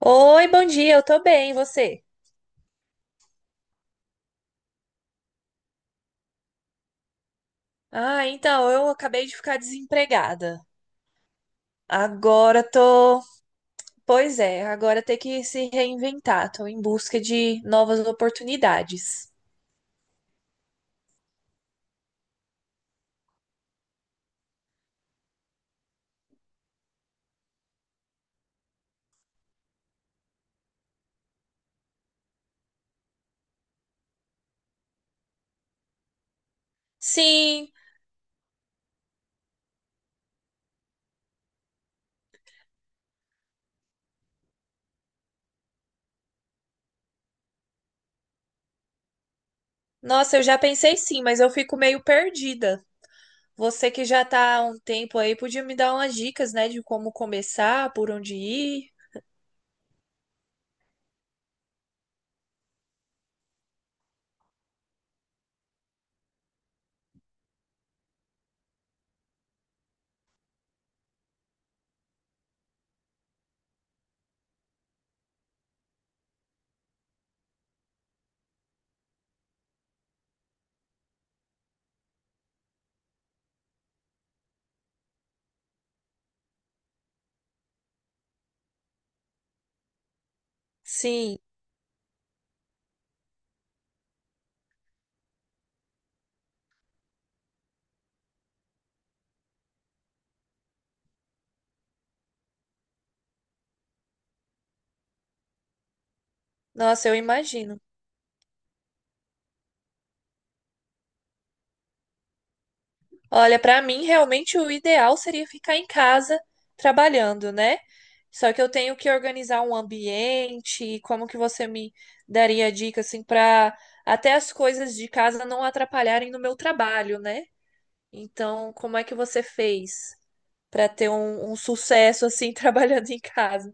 Oi, bom dia, eu tô bem, e você? Ah, então, eu acabei de ficar desempregada. Agora tô. Pois é, agora tem que se reinventar, tô em busca de novas oportunidades. Sim, nossa, eu já pensei sim, mas eu fico meio perdida. Você que já tá há um tempo aí, podia me dar umas dicas, né, de como começar, por onde ir? Sim, nossa, eu imagino. Olha, para mim realmente o ideal seria ficar em casa trabalhando, né? Só que eu tenho que organizar um ambiente, e como que você me daria dica assim para até as coisas de casa não atrapalharem no meu trabalho, né? Então, como é que você fez para ter um sucesso assim trabalhando em casa?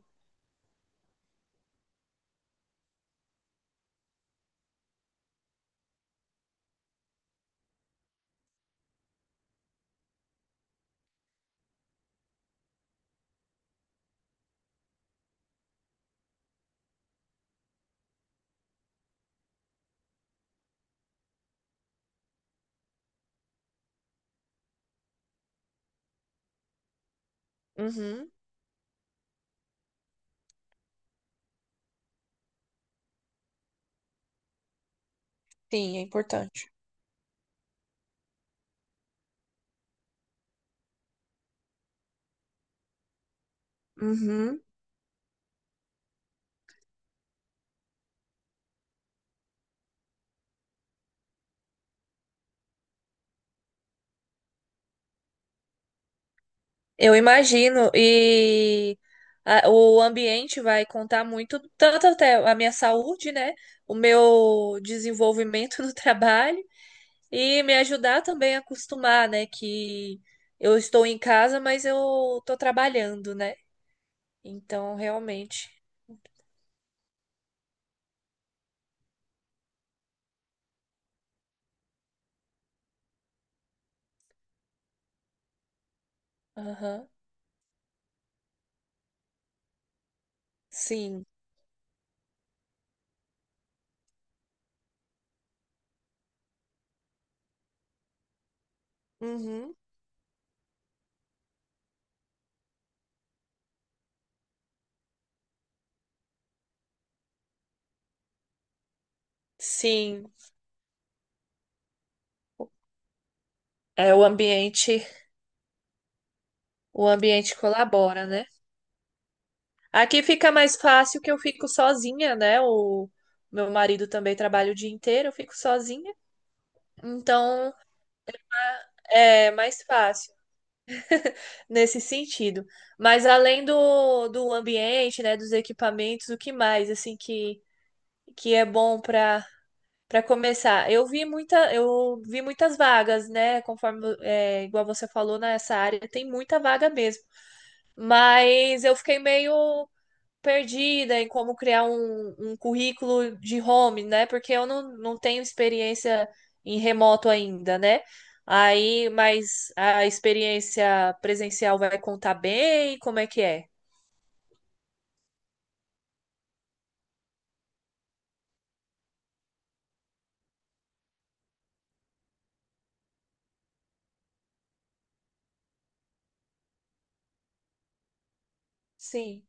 Uhum, sim, é importante. Uhum. Eu imagino, e o ambiente vai contar muito, tanto até a minha saúde, né? O meu desenvolvimento no trabalho e me ajudar também a acostumar, né? Que eu estou em casa, mas eu estou trabalhando, né? Então, realmente, aham, sim, uhum, sim, é o ambiente colabora, né? Aqui fica mais fácil que eu fico sozinha, né? O meu marido também trabalha o dia inteiro, eu fico sozinha. Então, é mais fácil nesse sentido. Mas além do ambiente, né, dos equipamentos, o que mais assim que é bom para começar? Eu vi muitas vagas, né? Conforme é, igual você falou nessa área, tem muita vaga mesmo. Mas eu fiquei meio perdida em como criar um currículo de home, né? Porque eu não tenho experiência em remoto ainda, né? Aí, mas a experiência presencial vai contar bem? Como é que é? Sim,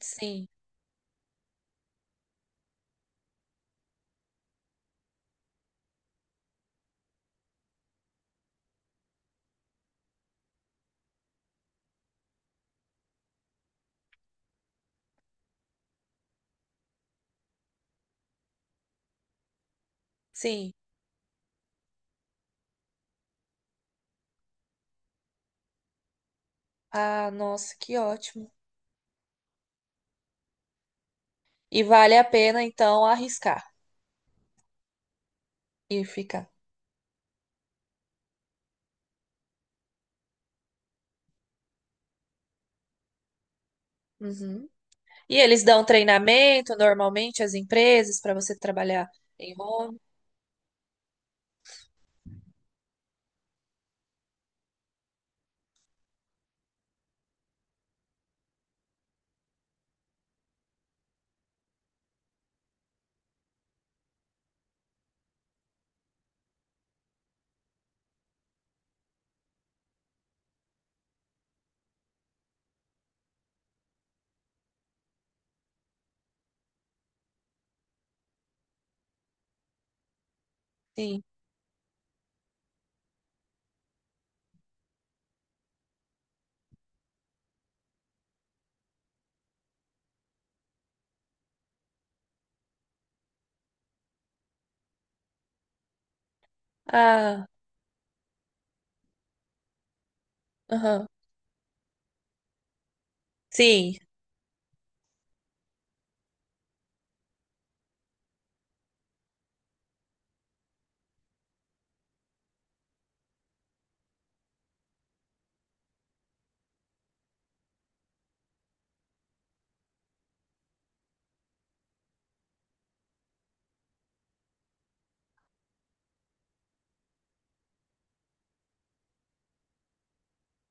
sim, sim. Ah, nossa, que ótimo. E vale a pena, então, arriscar e ficar. Uhum. E eles dão treinamento normalmente às empresas para você trabalhar em home? Sim. Ah, aham. Sim,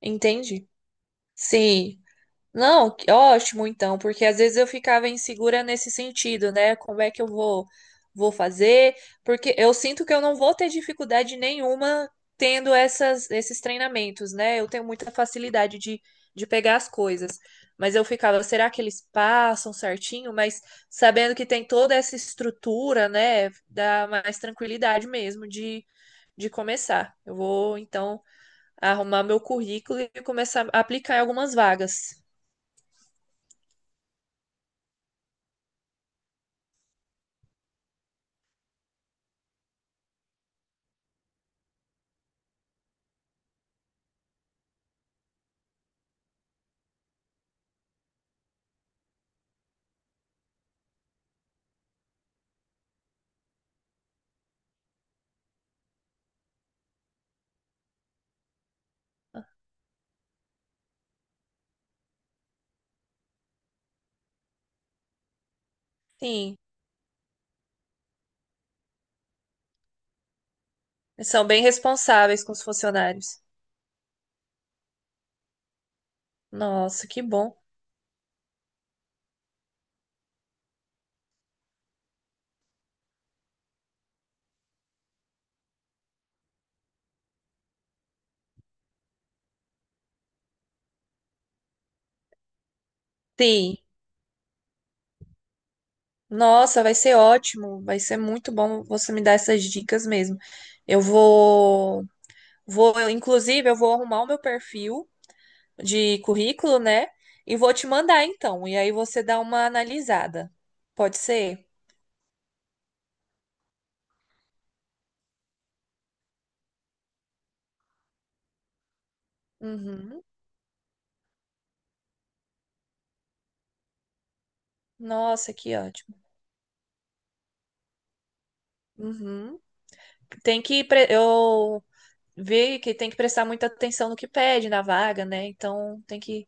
entendi. Sim. Não, que ótimo então, porque às vezes eu ficava insegura nesse sentido, né? Como é que eu vou fazer? Porque eu sinto que eu não vou ter dificuldade nenhuma tendo esses treinamentos, né? Eu tenho muita facilidade de pegar as coisas. Mas eu ficava, será que eles passam certinho? Mas sabendo que tem toda essa estrutura, né? Dá mais tranquilidade mesmo de começar. Eu vou então arrumar meu currículo e começar a aplicar em algumas vagas. Sim, eles são bem responsáveis com os funcionários. Nossa, que bom. Sim, nossa, vai ser ótimo, vai ser muito bom você me dar essas dicas mesmo. Eu vou, eu, inclusive, eu vou arrumar o meu perfil de currículo, né? E vou te mandar então, e aí você dá uma analisada. Pode ser? Uhum. Nossa, que ótimo. Uhum. Eu vê que tem que prestar muita atenção no que pede na vaga, né? Então tem que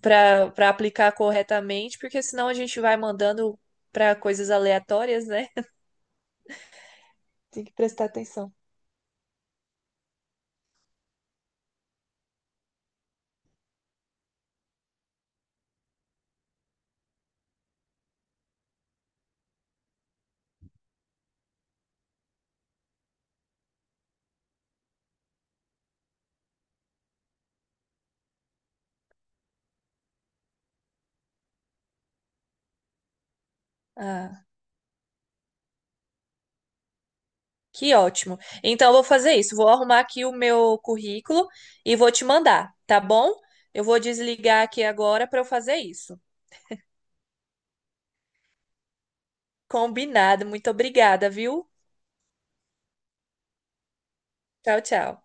para aplicar corretamente, porque senão a gente vai mandando para coisas aleatórias, né? Tem que prestar atenção. Ah, que ótimo. Então eu vou fazer isso, vou arrumar aqui o meu currículo e vou te mandar, tá bom? Eu vou desligar aqui agora para eu fazer isso. Combinado. Muito obrigada, viu? Tchau, tchau.